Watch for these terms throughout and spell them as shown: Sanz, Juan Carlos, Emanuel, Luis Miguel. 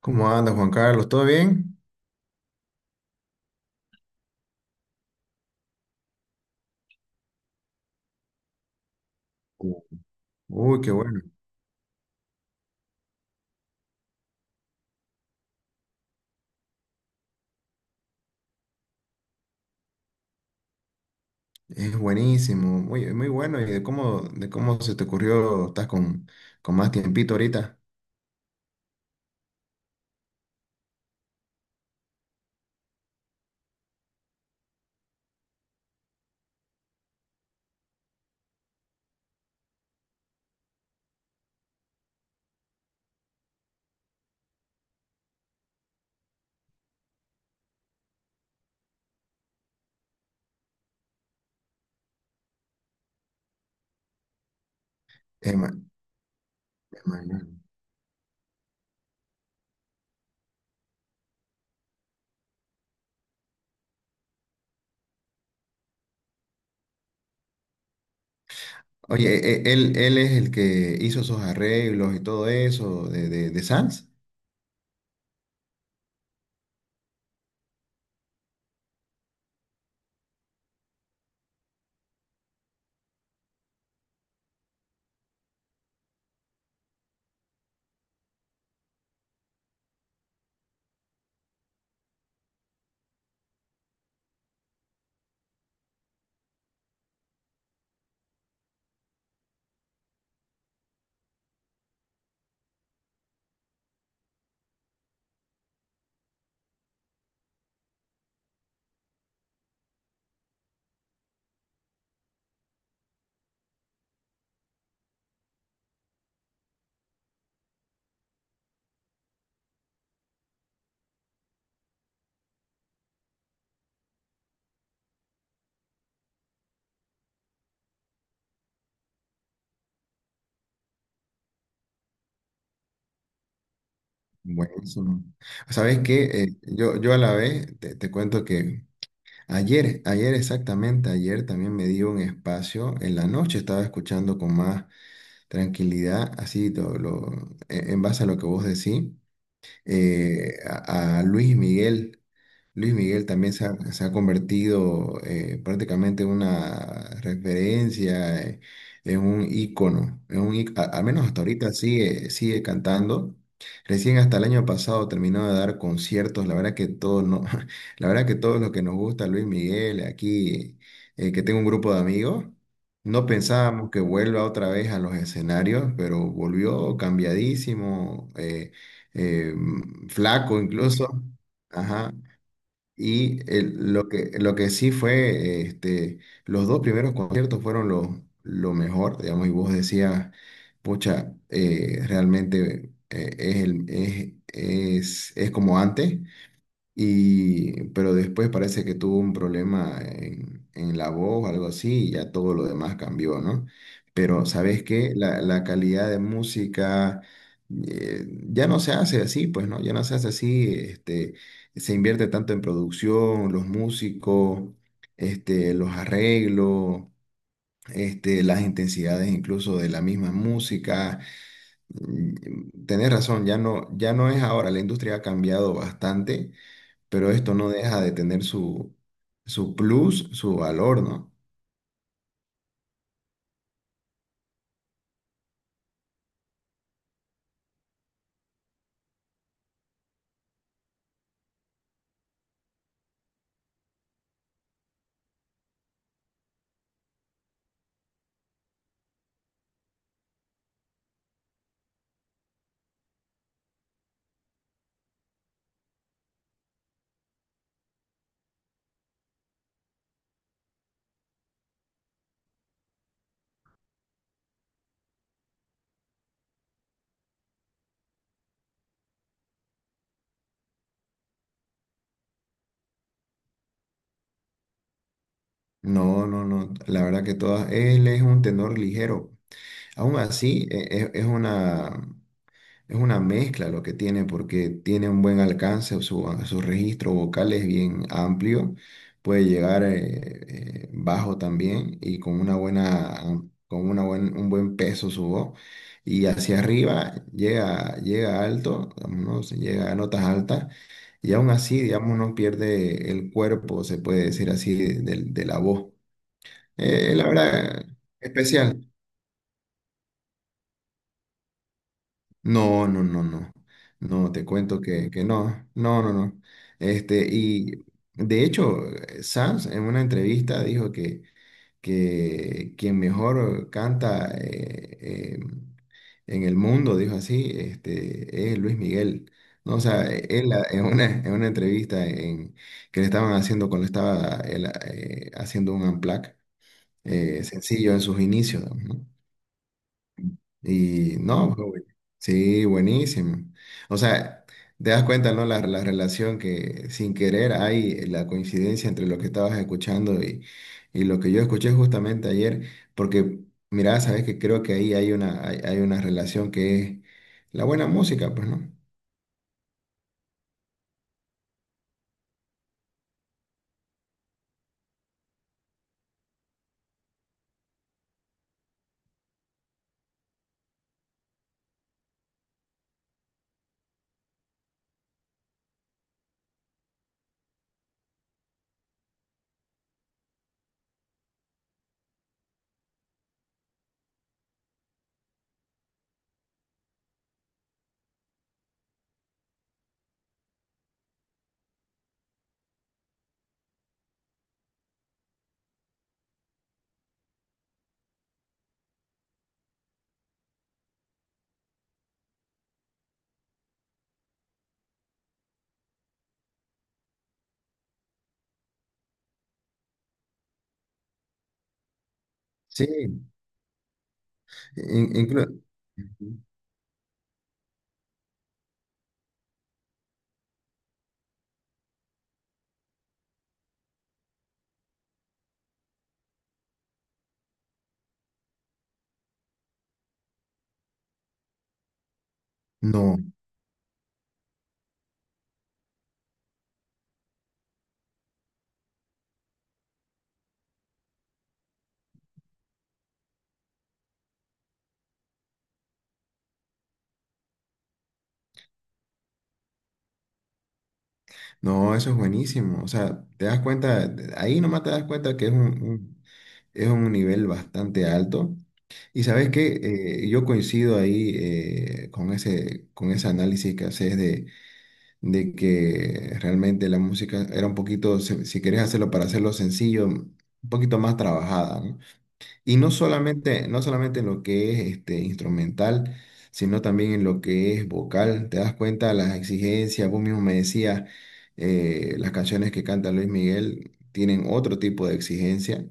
¿Cómo anda Juan Carlos? ¿Todo bien? Uh, Uy, qué bueno. Es buenísimo, muy, muy bueno. ¿Y de cómo se te ocurrió? ¿Estás con más tiempito ahorita? Ema- Emanuel. Oye, él es el que hizo esos arreglos y todo eso de Sanz. Buenísimo. ¿Sabes qué? Yo a la vez te cuento que ayer exactamente, ayer también me dio un espacio en la noche, estaba escuchando con más tranquilidad, así todo, lo, en base a lo que vos decís, a Luis Miguel. Luis Miguel también se ha convertido, prácticamente, en una referencia, en un ícono, en un, al menos hasta ahorita sigue cantando. Recién hasta el año pasado terminó de dar conciertos. La verdad que todos no, la verdad que todos los que nos gusta Luis Miguel, aquí que tengo un grupo de amigos, no pensábamos que vuelva otra vez a los escenarios, pero volvió cambiadísimo, flaco incluso. Ajá, lo que sí fue, este, los dos primeros conciertos fueron lo mejor, digamos, y vos decías, pucha, realmente, es, el- es como antes, y, pero después parece que tuvo un problema en la voz, algo así, y ya todo lo demás cambió, ¿no? Pero, ¿sabes qué? La calidad de música, ya no se hace así, pues, ¿no? Ya no se hace así, este, se invierte tanto en producción, los músicos, este, los arreglos, este, las intensidades incluso de la misma música. Mm, mm, tenés razón, ya no, ya no es ahora, la industria ha cambiado bastante, pero esto no deja de tener su, su plus, su valor, ¿no? No, no, no, la verdad que todas, él es un tenor ligero. Aún así, es, una, es una mezcla lo que tiene porque tiene un buen alcance, su registro vocal es bien amplio, puede llegar bajo también y con una buena, con un buen peso su voz. Y hacia arriba llega, llega alto, digamos, ¿no? Se llega a notas altas y aún así, digamos, no pierde el cuerpo, se puede decir así, de la voz. La verdad, especial. No, no, no, no. No, te cuento que no, no, no, no. Este, y de hecho, Sanz en una entrevista dijo que quien mejor canta, eh, en el mundo, dijo así, este, es Luis Miguel. No, o sea, él, ah, en en una entrevista en, que le estaban haciendo cuando estaba él, ah, haciendo un unplugged, sencillo en sus inicios, ¿no? Y no, sí, buenísimo. O sea, te das cuenta, ¿no? La relación que sin querer hay, la coincidencia entre lo que estabas escuchando y lo que yo escuché justamente ayer, porque, mira, sabes que creo que ahí hay una, hay una relación que es la buena música, pues, ¿no? Sí, in- inclu- ujú. No, no, eso es buenísimo. O sea, te das cuenta, ahí nomás te das cuenta que es es un nivel bastante alto. Y sabes que yo coincido ahí, con ese análisis que haces de que realmente la música era un poquito, si, si querés hacerlo para hacerlo sencillo, un poquito más trabajada, ¿no? Y no solamente, no solamente en lo que es este, instrumental, sino también en lo que es vocal. Te das cuenta de las exigencias, vos mismo me decías, las canciones que canta Luis Miguel tienen otro tipo de exigencia,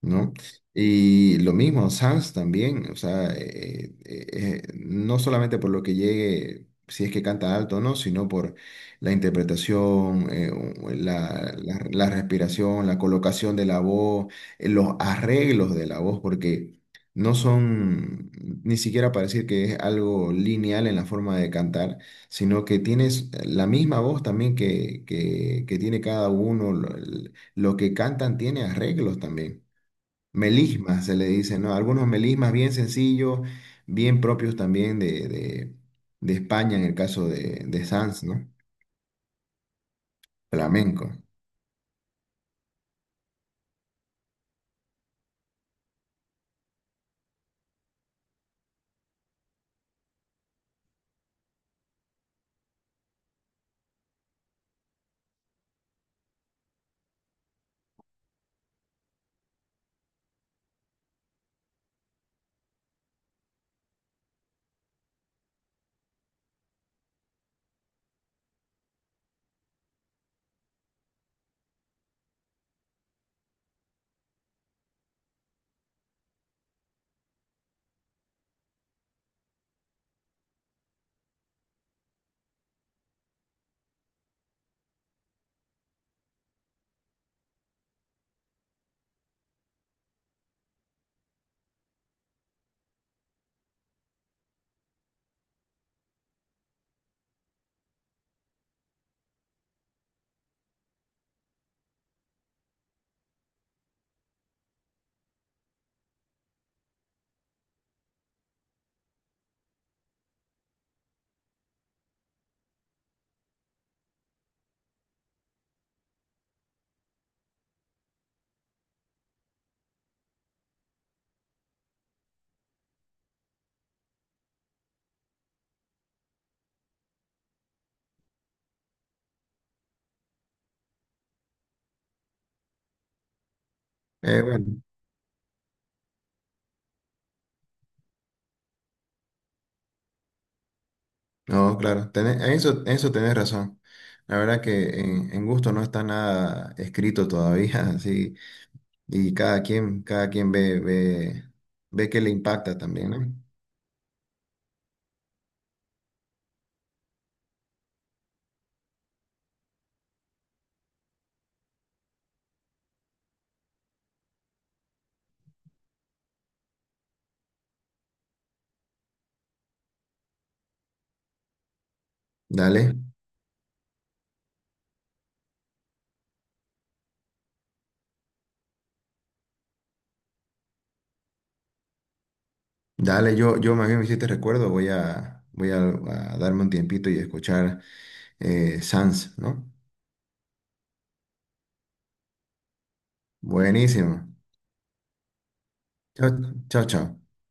¿no? Y lo mismo, Sans también, o sea, no solamente por lo que llegue, si es que canta alto o no, sino por la interpretación, la respiración, la colocación de la voz, los arreglos de la voz, porque no son ni siquiera para decir que es algo lineal en la forma de cantar, sino que tienes la misma voz también que tiene cada uno, lo que cantan tiene arreglos también. Melismas se le dice, ¿no? Algunos melismas bien sencillos, bien propios también de España, en el caso de Sanz, ¿no? Flamenco. Bueno, no, claro, tenés- en eso tenés razón. La verdad que en gusto no está nada escrito todavía, así, y cada quien ve, ve, ve que le impacta también, ¿no? Dale, dale, yo más bien me hiciste recuerdo, voy a, voy a darme un tiempito y escuchar, Sanz, ¿no? Buenísimo. Chao, chao, chao.